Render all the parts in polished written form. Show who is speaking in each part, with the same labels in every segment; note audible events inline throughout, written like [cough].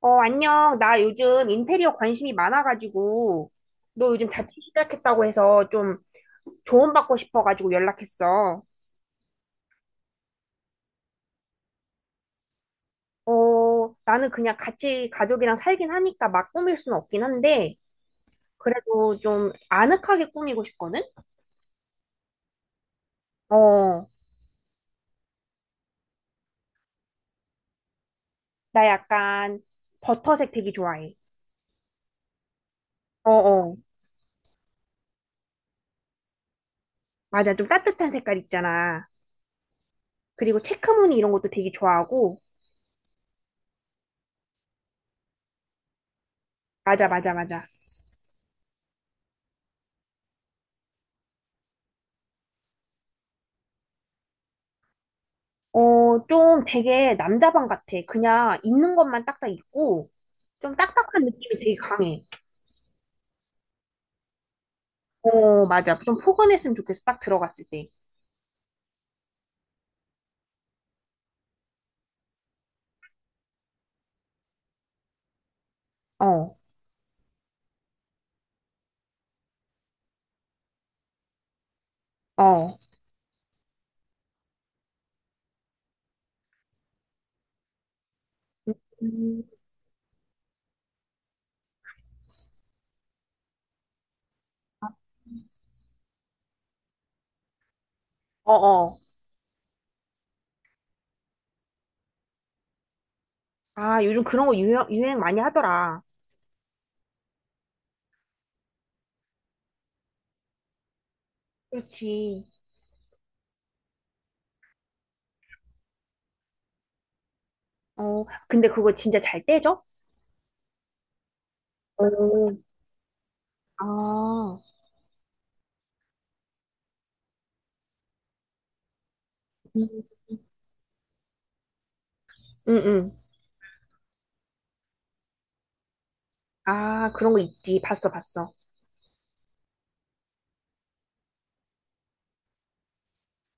Speaker 1: 어, 안녕. 나 요즘 인테리어 관심이 많아가지고, 너 요즘 자취 시작했다고 해서 좀 조언 받고 싶어가지고 연락했어. 어, 나는 그냥 같이 가족이랑 살긴 하니까 막 꾸밀 수는 없긴 한데, 그래도 좀 아늑하게 꾸미고 싶거든? 어, 나 약간 버터색 되게 좋아해. 어어. 맞아. 좀 따뜻한 색깔 있잖아. 그리고 체크무늬 이런 것도 되게 좋아하고, 맞아, 맞아, 맞아. 어, 좀 되게 남자방 같아. 그냥 있는 것만 딱딱 있고, 좀 딱딱한 느낌이 되게 강해. 어, 맞아. 좀 포근했으면 좋겠어. 딱 들어갔을 때. 어, 어. 음, 어, 어. 아, 요즘 그런 거 유행 많이 하더라. 그렇지. 어, 근데 그거 진짜 잘 떼져? 어, 아, 음, 응, 응. 아, 그런 거 있지. 봤어, 봤어.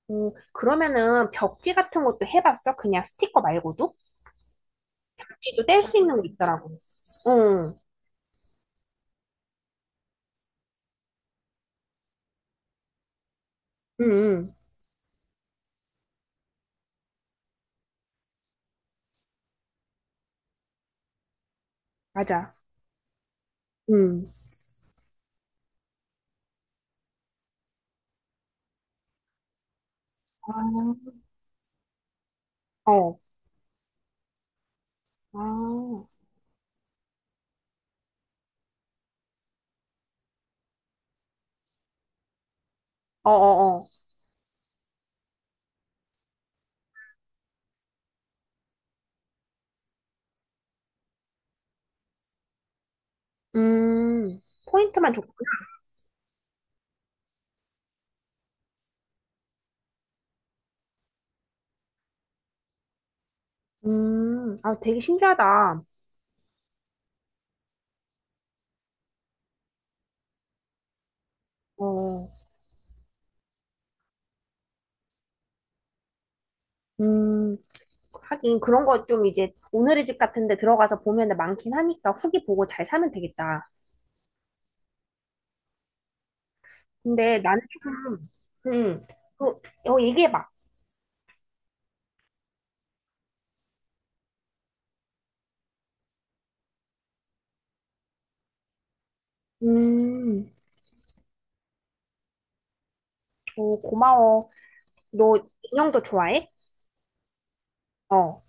Speaker 1: 어, 그러면은 벽지 같은 것도 해봤어? 그냥 스티커 말고도? 벽지도 뗄 수 있는 거 있더라고. 응, 응, 응. 맞아. 응. 아, 어. 아. 어어어. 음, 포인트만 줬고. 아, 되게 신기하다. 어, 음, 하긴 그런 거 좀 이제 오늘의 집 같은 데 들어가서 보면 많긴 하니까 후기 보고 잘 사면 되겠다. 근데 나는 조금, 음, 그, 어, 얘기해봐. 음, 어, 고마워. 너 인형도 좋아해? 어,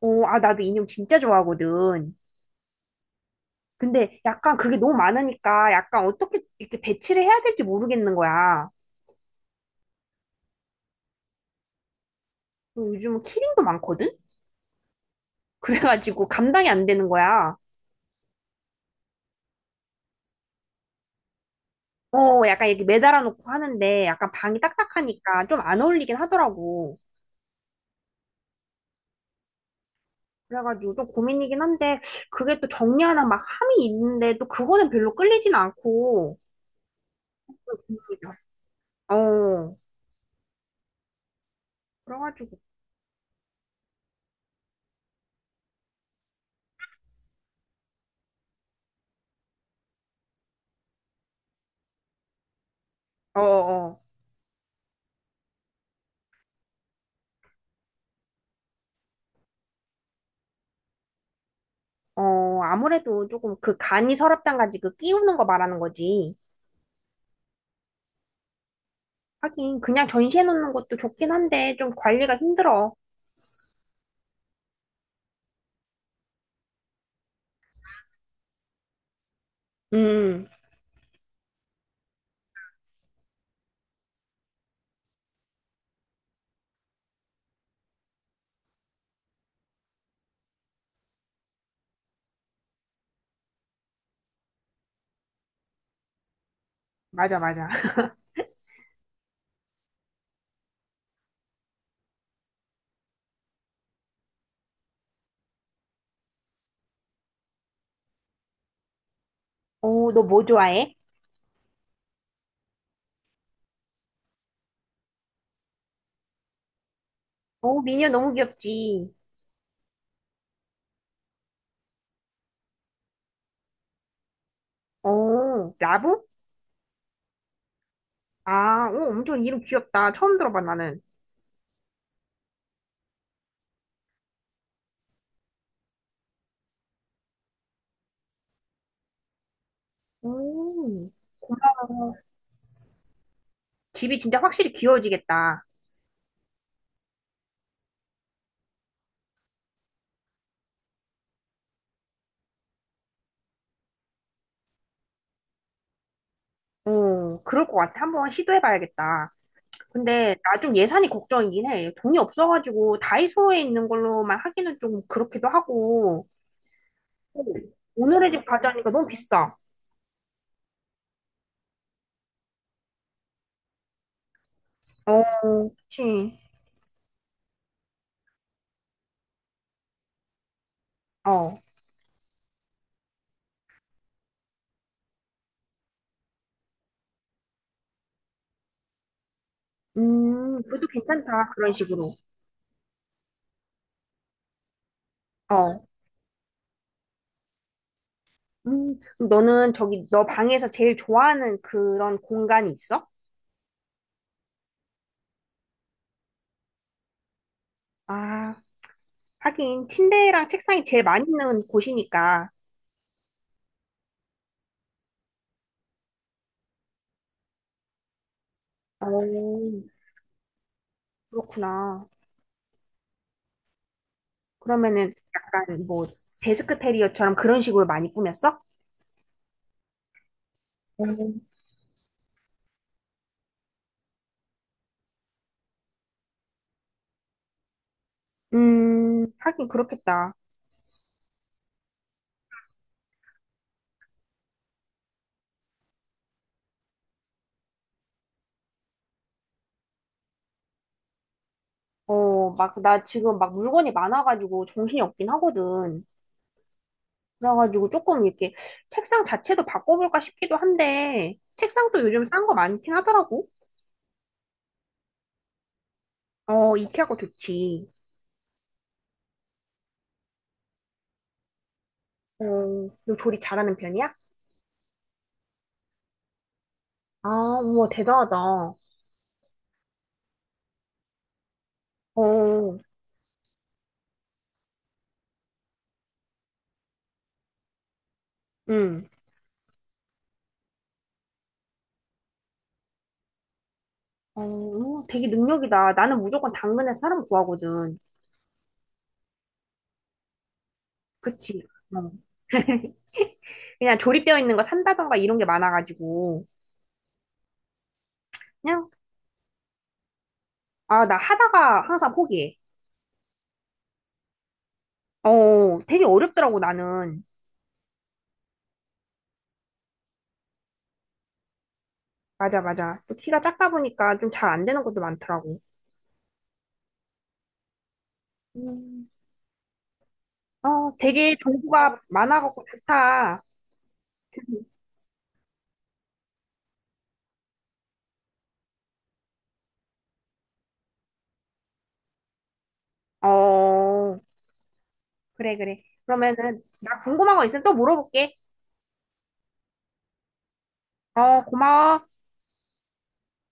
Speaker 1: 어, 아, 나도 인형 진짜 좋아하거든. 근데 약간 그게 너무 많으니까 약간 어떻게 이렇게 배치를 해야 될지 모르겠는 거야. 요즘 키링도 많거든? 그래가지고 감당이 안 되는 거야. 어, 약간 이렇게 매달아 놓고 하는데 약간 방이 딱딱하니까 좀 안 어울리긴 하더라고. 그래가지고 좀 고민이긴 한데 그게 또 정리하는 막 함이 있는데 또 그거는 별로 끌리진 않고. 또 고민이다. 어, 그래가지고 어, 어, 어, 아무래도 조금 그 간이 서랍장 가지그 끼우는 거 말하는 거지. 하긴 그냥 전시해 놓는 것도 좋긴 한데 좀 관리가 힘들어. 음, 맞아, 맞아. [laughs] 어, 너 뭐 좋아해? 어, 미녀 너무 귀엽지. 어, 라부? 아, 오, 엄청 이름 귀엽다. 처음 들어봐, 나는. 오, 어, 집이 진짜 확실히 귀여워지겠다. 어, 그럴 것 같아. 한번 시도해봐야겠다. 근데 나 좀 예산이 걱정이긴 해. 돈이 없어가지고 다이소에 있는 걸로만 하기는 좀 그렇기도 하고. 어, 오늘의 집 과자니까 너무 비싸. 어, 그치. 어. 그것도 괜찮다. 그런 식으로. 어. 그럼 너는 저기 너 방에서 제일 좋아하는 그런 공간이 있어? 아, 하긴 침대랑 책상이 제일 많이 있는 곳이니까. 어, 그렇구나. 그러면은 약간 뭐 데스크 테리어처럼 그런 식으로 많이 꾸몄어? 음. 하긴 그렇겠다. 어, 막, 나 지금 막 물건이 많아가지고 정신이 없긴 하거든. 그래가지고 조금 이렇게 책상 자체도 바꿔볼까 싶기도 한데, 책상도 요즘 싼 거 많긴 하더라고. 어, 이케아 거 좋지. 어, 너 조리 잘하는 편이야? 아, 우와, 대단하다. 어, 응. 어, 되게 능력이다. 나는 무조건 당근에서 사람 구하거든. 그치? 어. 그냥 조립되어 있는 거 산다던가 이런 게 많아가지고. 그냥, 아, 나 하다가 항상 포기해. 어, 되게 어렵더라고, 나는. 맞아, 맞아. 또 키가 작다 보니까 좀 잘 안 되는 것도 많더라고. 음. 어, 되게 정보가 많아갖고 좋다. 어, 그래, 그래. 그러면은, 나 궁금한 거 있으면 또 물어볼게. 어, 고마워.